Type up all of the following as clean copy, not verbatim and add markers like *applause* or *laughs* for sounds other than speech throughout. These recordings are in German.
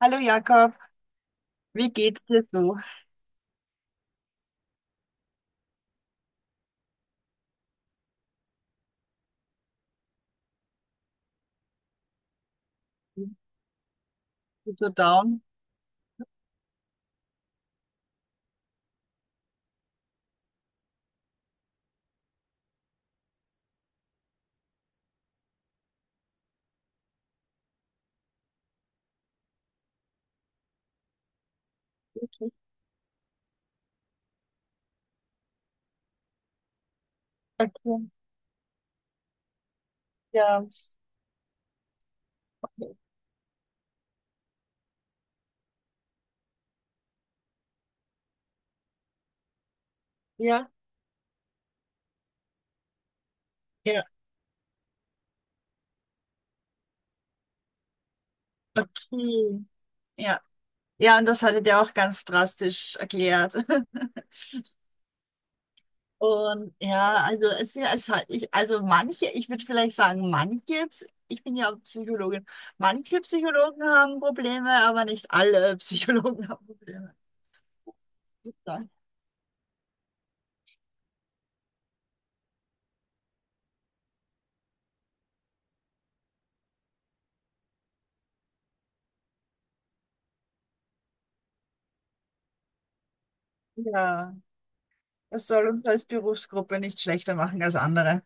Hallo Jakob, wie geht's dir so? Bist du so down? Okay. Okay. Ja. Ja. Ja. Okay. Ja. Ja, und das hattet ihr auch ganz drastisch erklärt. *laughs* Und ja, also es, ist ja, es hat ich, also manche, ich würde vielleicht sagen, manche, Ps- ich bin ja Psychologin, manche Psychologen haben Probleme, aber nicht alle Psychologen *laughs* haben Probleme. Ja, das soll uns als Berufsgruppe nicht schlechter machen als andere.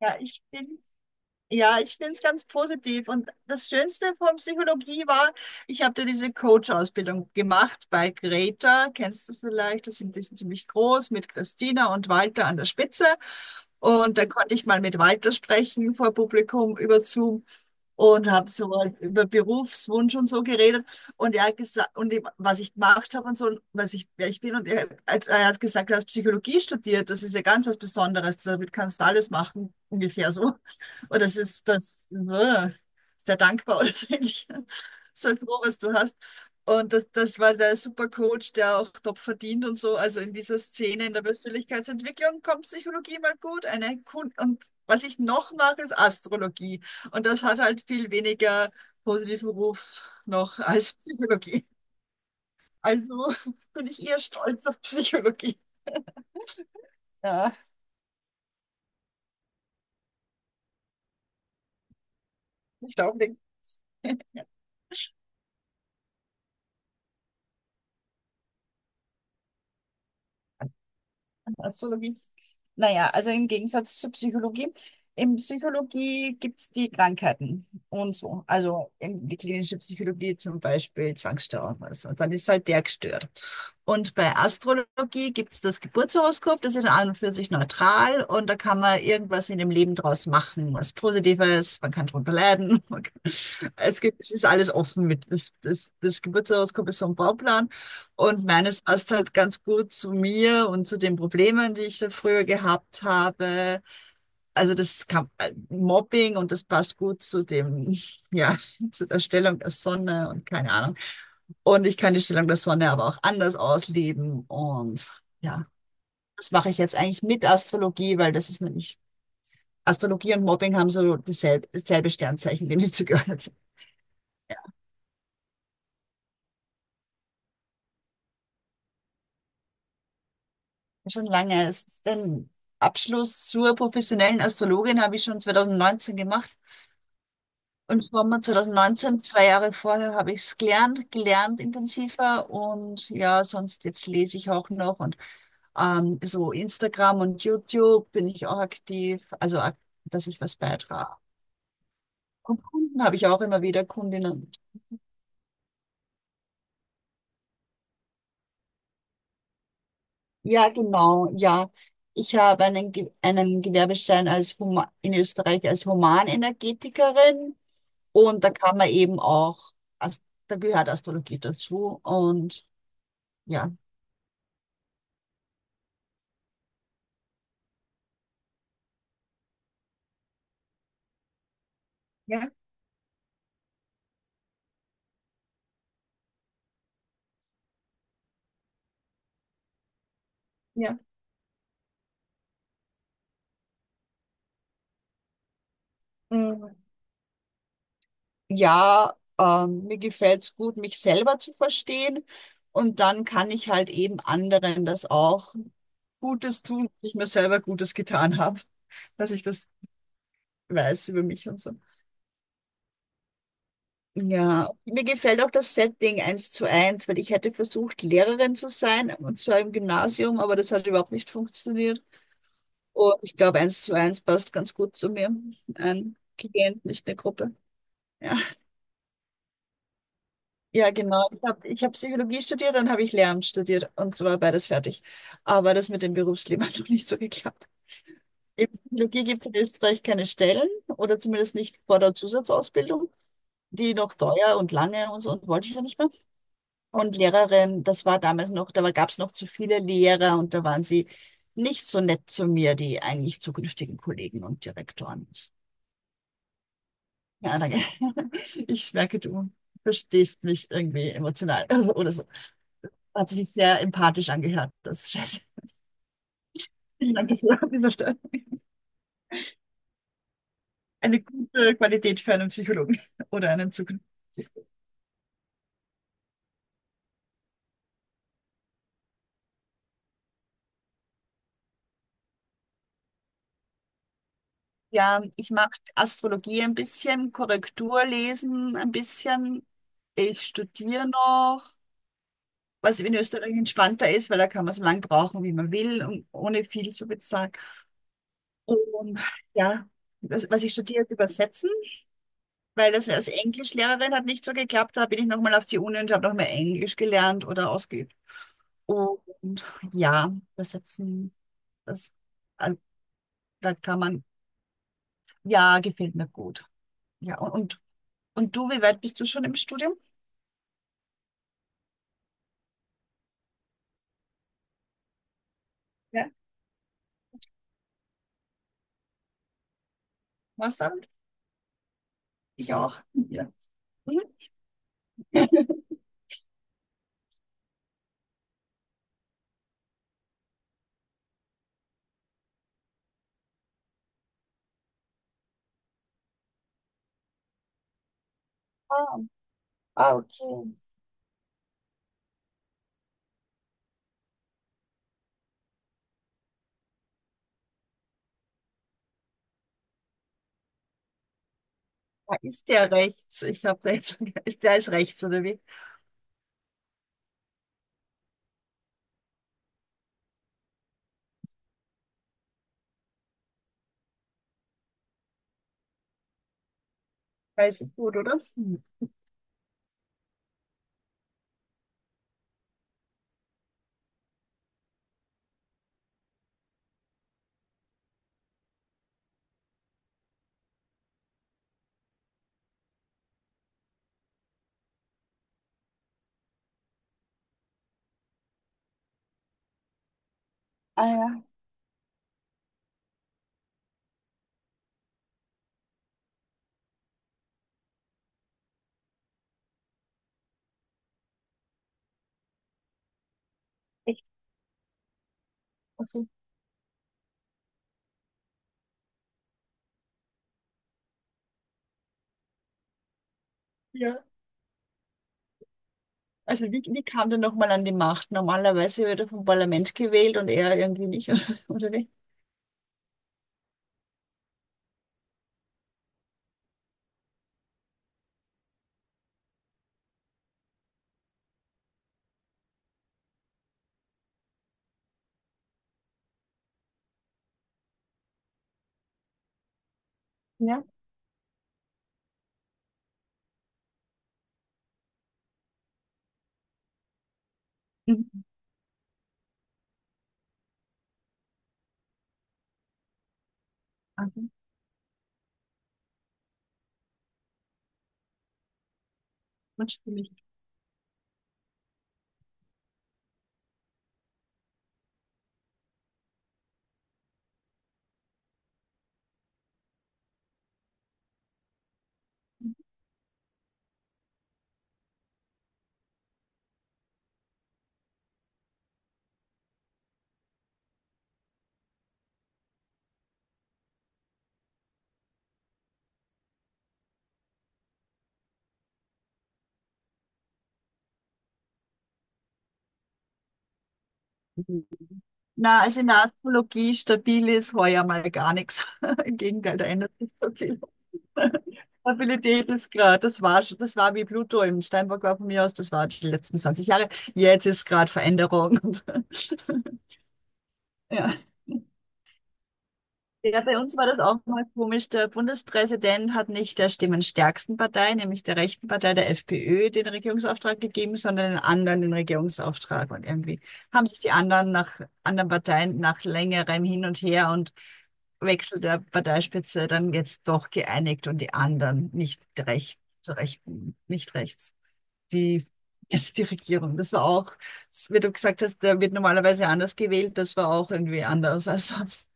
Ja, ich bin. Ja, ich finde es ganz positiv. Und das Schönste von Psychologie war, ich habe da diese Coach-Ausbildung gemacht bei Greta. Kennst du vielleicht? Das sind, die sind ziemlich groß mit Christina und Walter an der Spitze. Und da konnte ich mal mit Walter sprechen vor Publikum über Zoom und habe so mal über Berufswunsch und so geredet und er hat gesagt und ich, was ich gemacht habe und so und was ich wer ich bin und er hat gesagt, du hast Psychologie studiert, das ist ja ganz was Besonderes, damit kannst du alles machen ungefähr so, *laughs* und das ist das sehr dankbar *laughs* oder so ähnlich. Sei froh, was du hast. Und das, das war der super Coach, der auch top verdient und so. Also in dieser Szene in der Persönlichkeitsentwicklung kommt Psychologie mal gut. Eine Kun und was ich noch mache, ist Astrologie. Und das hat halt viel weniger positiven Ruf noch als Psychologie. Also *laughs* bin ich eher stolz auf Psychologie. Ja. Ich glaube, nicht. Astrologie. Naja, also im Gegensatz zur Psychologie. In Psychologie gibt es die Krankheiten und so. Also in die klinische Psychologie zum Beispiel Zwangsstörung oder so. Dann ist halt der gestört. Und bei Astrologie gibt es das Geburtshoroskop, das ist an und für sich neutral und da kann man irgendwas in dem Leben draus machen, was Positives, man kann drunter leiden. *laughs* Man kann, es gibt, es ist alles offen mit. Das Geburtshoroskop ist so ein Bauplan. Und meines passt halt ganz gut zu mir und zu den Problemen, die ich da früher gehabt habe. Also das kam, Mobbing und das passt gut zu dem, ja, *laughs* zu der Stellung der Sonne und keine Ahnung. Und ich kann die Stellung der Sonne aber auch anders ausleben. Und ja, das mache ich jetzt eigentlich mit Astrologie, weil das ist nämlich, Astrologie und Mobbing haben so dieselbe, dasselbe Sternzeichen, dem sie zugehört sind. *laughs* Schon lange. Es ist den Abschluss zur professionellen Astrologin habe ich schon 2019 gemacht. Im Sommer 2019, zwei Jahre vorher, habe ich es gelernt, gelernt intensiver und ja, sonst jetzt lese ich auch noch und so Instagram und YouTube bin ich auch aktiv, also ak- dass ich was beitrage. Und Kunden habe ich auch immer wieder Kundinnen. Ja, genau, ja. Ich habe einen, Ge- einen Gewerbeschein als Huma in Österreich als Humanenergetikerin und da kann man eben auch, Ast- da gehört Astrologie dazu und ja. Ja, ja. Ja, mir gefällt's gut, mich selber zu verstehen. Und dann kann ich halt eben anderen das auch Gutes tun, dass ich mir selber Gutes getan habe, *laughs* dass ich das weiß über mich und so. Ja, mir gefällt auch das Setting eins zu eins, weil ich hätte versucht, Lehrerin zu sein, und zwar im Gymnasium, aber das hat überhaupt nicht funktioniert. Und ich glaube, eins zu eins passt ganz gut zu mir. Ein Klient, nicht eine Gruppe. Ja. Ja, genau. Ich hab Psychologie studiert, dann habe ich Lehramt studiert und zwar beides fertig. Aber das mit dem Berufsleben *laughs* hat noch nicht so geklappt. In Psychologie gibt es in Österreich keine Stellen oder zumindest nicht vor der Zusatzausbildung. Die noch teuer und lange und so und wollte ich ja nicht mehr. Und Lehrerin, das war damals noch, da gab es noch zu viele Lehrer und da waren sie nicht so nett zu mir, die eigentlich zukünftigen Kollegen und Direktoren. Ja, danke. *laughs* Ich merke, du verstehst mich irgendwie emotional *laughs* oder so. Hat sich sehr empathisch angehört. Das ist scheiße. *laughs* Vielen Dank dafür an dieser Stelle. Eine gute Qualität für einen Psychologen *laughs* oder einen Zukunft. Ja, ich mache Astrologie ein bisschen, Korrekturlesen ein bisschen. Ich studiere noch, was in Österreich entspannter ist, weil da kann man so lange brauchen, wie man will und ohne viel zu bezahlen. Und ja, das, was ich studiert, übersetzen, weil das als Englischlehrerin hat nicht so geklappt. Da bin ich nochmal auf die Uni und habe noch mehr Englisch gelernt oder ausgeübt. Und ja, das setzen, das, äh, da kann man, ja, gefällt mir gut. Ja, und du, wie weit bist du schon im Studium? Ja, was dann? Ich auch. Ja. *laughs* Mhm. Ah, ah, okay. Da ist der rechts. Ich habe da jetzt, *laughs* ist der ist rechts, oder wie? Weiß ich gut, oder? Hm. Ah ja, echt. Also, ja. Also wie, wie kam der nochmal an die Macht? Normalerweise wird er vom Parlament gewählt und er irgendwie nicht, *laughs* oder wie? Ja. Mhm. Also, man stimmt mich. Na, also in der Astrologie stabil ist heuer mal gar nichts. *laughs* Im Gegenteil, da ändert sich so viel. *laughs* Stabilität ist gerade, das war schon, das war wie Pluto im Steinbock war von mir aus, das war die letzten 20 Jahre. Jetzt ist gerade Veränderung. *laughs* Und, ja. Ja, bei uns war das auch mal komisch. Der Bundespräsident hat nicht der stimmenstärksten Partei, nämlich der rechten Partei, der FPÖ, den Regierungsauftrag gegeben, sondern den anderen den Regierungsauftrag. Und irgendwie haben sich die anderen nach anderen Parteien nach längerem Hin und Her und Wechsel der Parteispitze dann jetzt doch geeinigt und die anderen nicht recht, zu rechten, nicht rechts. Die jetzt die Regierung. Das war auch, wie du gesagt hast, der wird normalerweise anders gewählt. Das war auch irgendwie anders als sonst.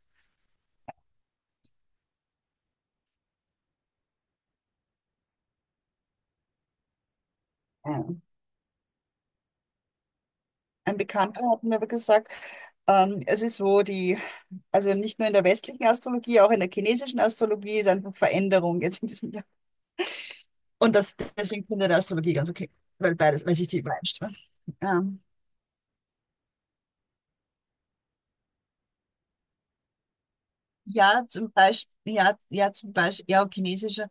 Ein Bekannter hat mir aber gesagt, es ist so, die, also nicht nur in der westlichen Astrologie, auch in der chinesischen Astrologie ist einfach Veränderung jetzt in diesem Jahr. Und das, deswegen finde ich die Astrologie ganz okay, weil beides, weil sich die übereinstimmen. Ähm, ja, zum Beispiel, ja, ja, zum Beispiel, ja, chinesische.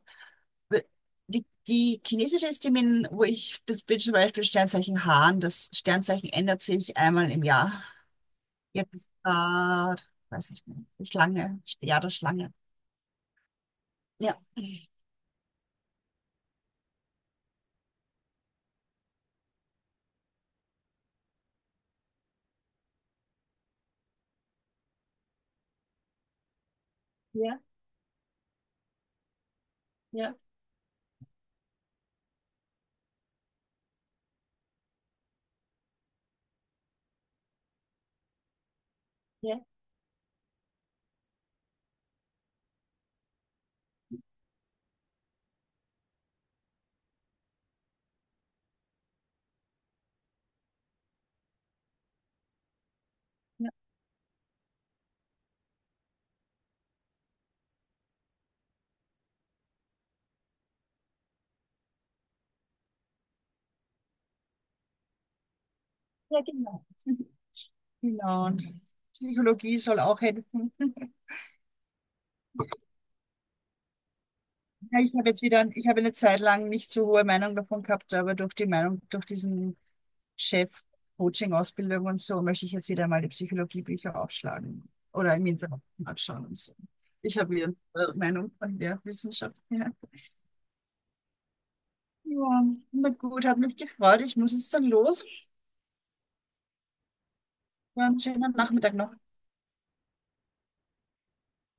Die, die chinesische ist die, mit- wo ich bin, bin zum Beispiel Sternzeichen Hahn. Das Sternzeichen ändert sich einmal im Jahr. Jetzt ist grad, weiß ich nicht, die Schlange, Jahr der Schlange. Ja. Ja, ja, ja. Ja, genau. *laughs* Genau. Und Psychologie soll auch helfen. Ja, ich habe jetzt wieder, ich habe eine Zeit lang nicht so hohe Meinung davon gehabt, aber durch die Meinung, durch diesen Chef Coaching-Ausbildung und so, möchte ich jetzt wieder mal die Psychologiebücher aufschlagen oder im Internet anschauen und so. Ich habe wieder eine Meinung von der Wissenschaft. Ja. Ja, na gut, hat mich gefreut. Ich muss jetzt dann los. Ja, einen schönen Nachmittag noch.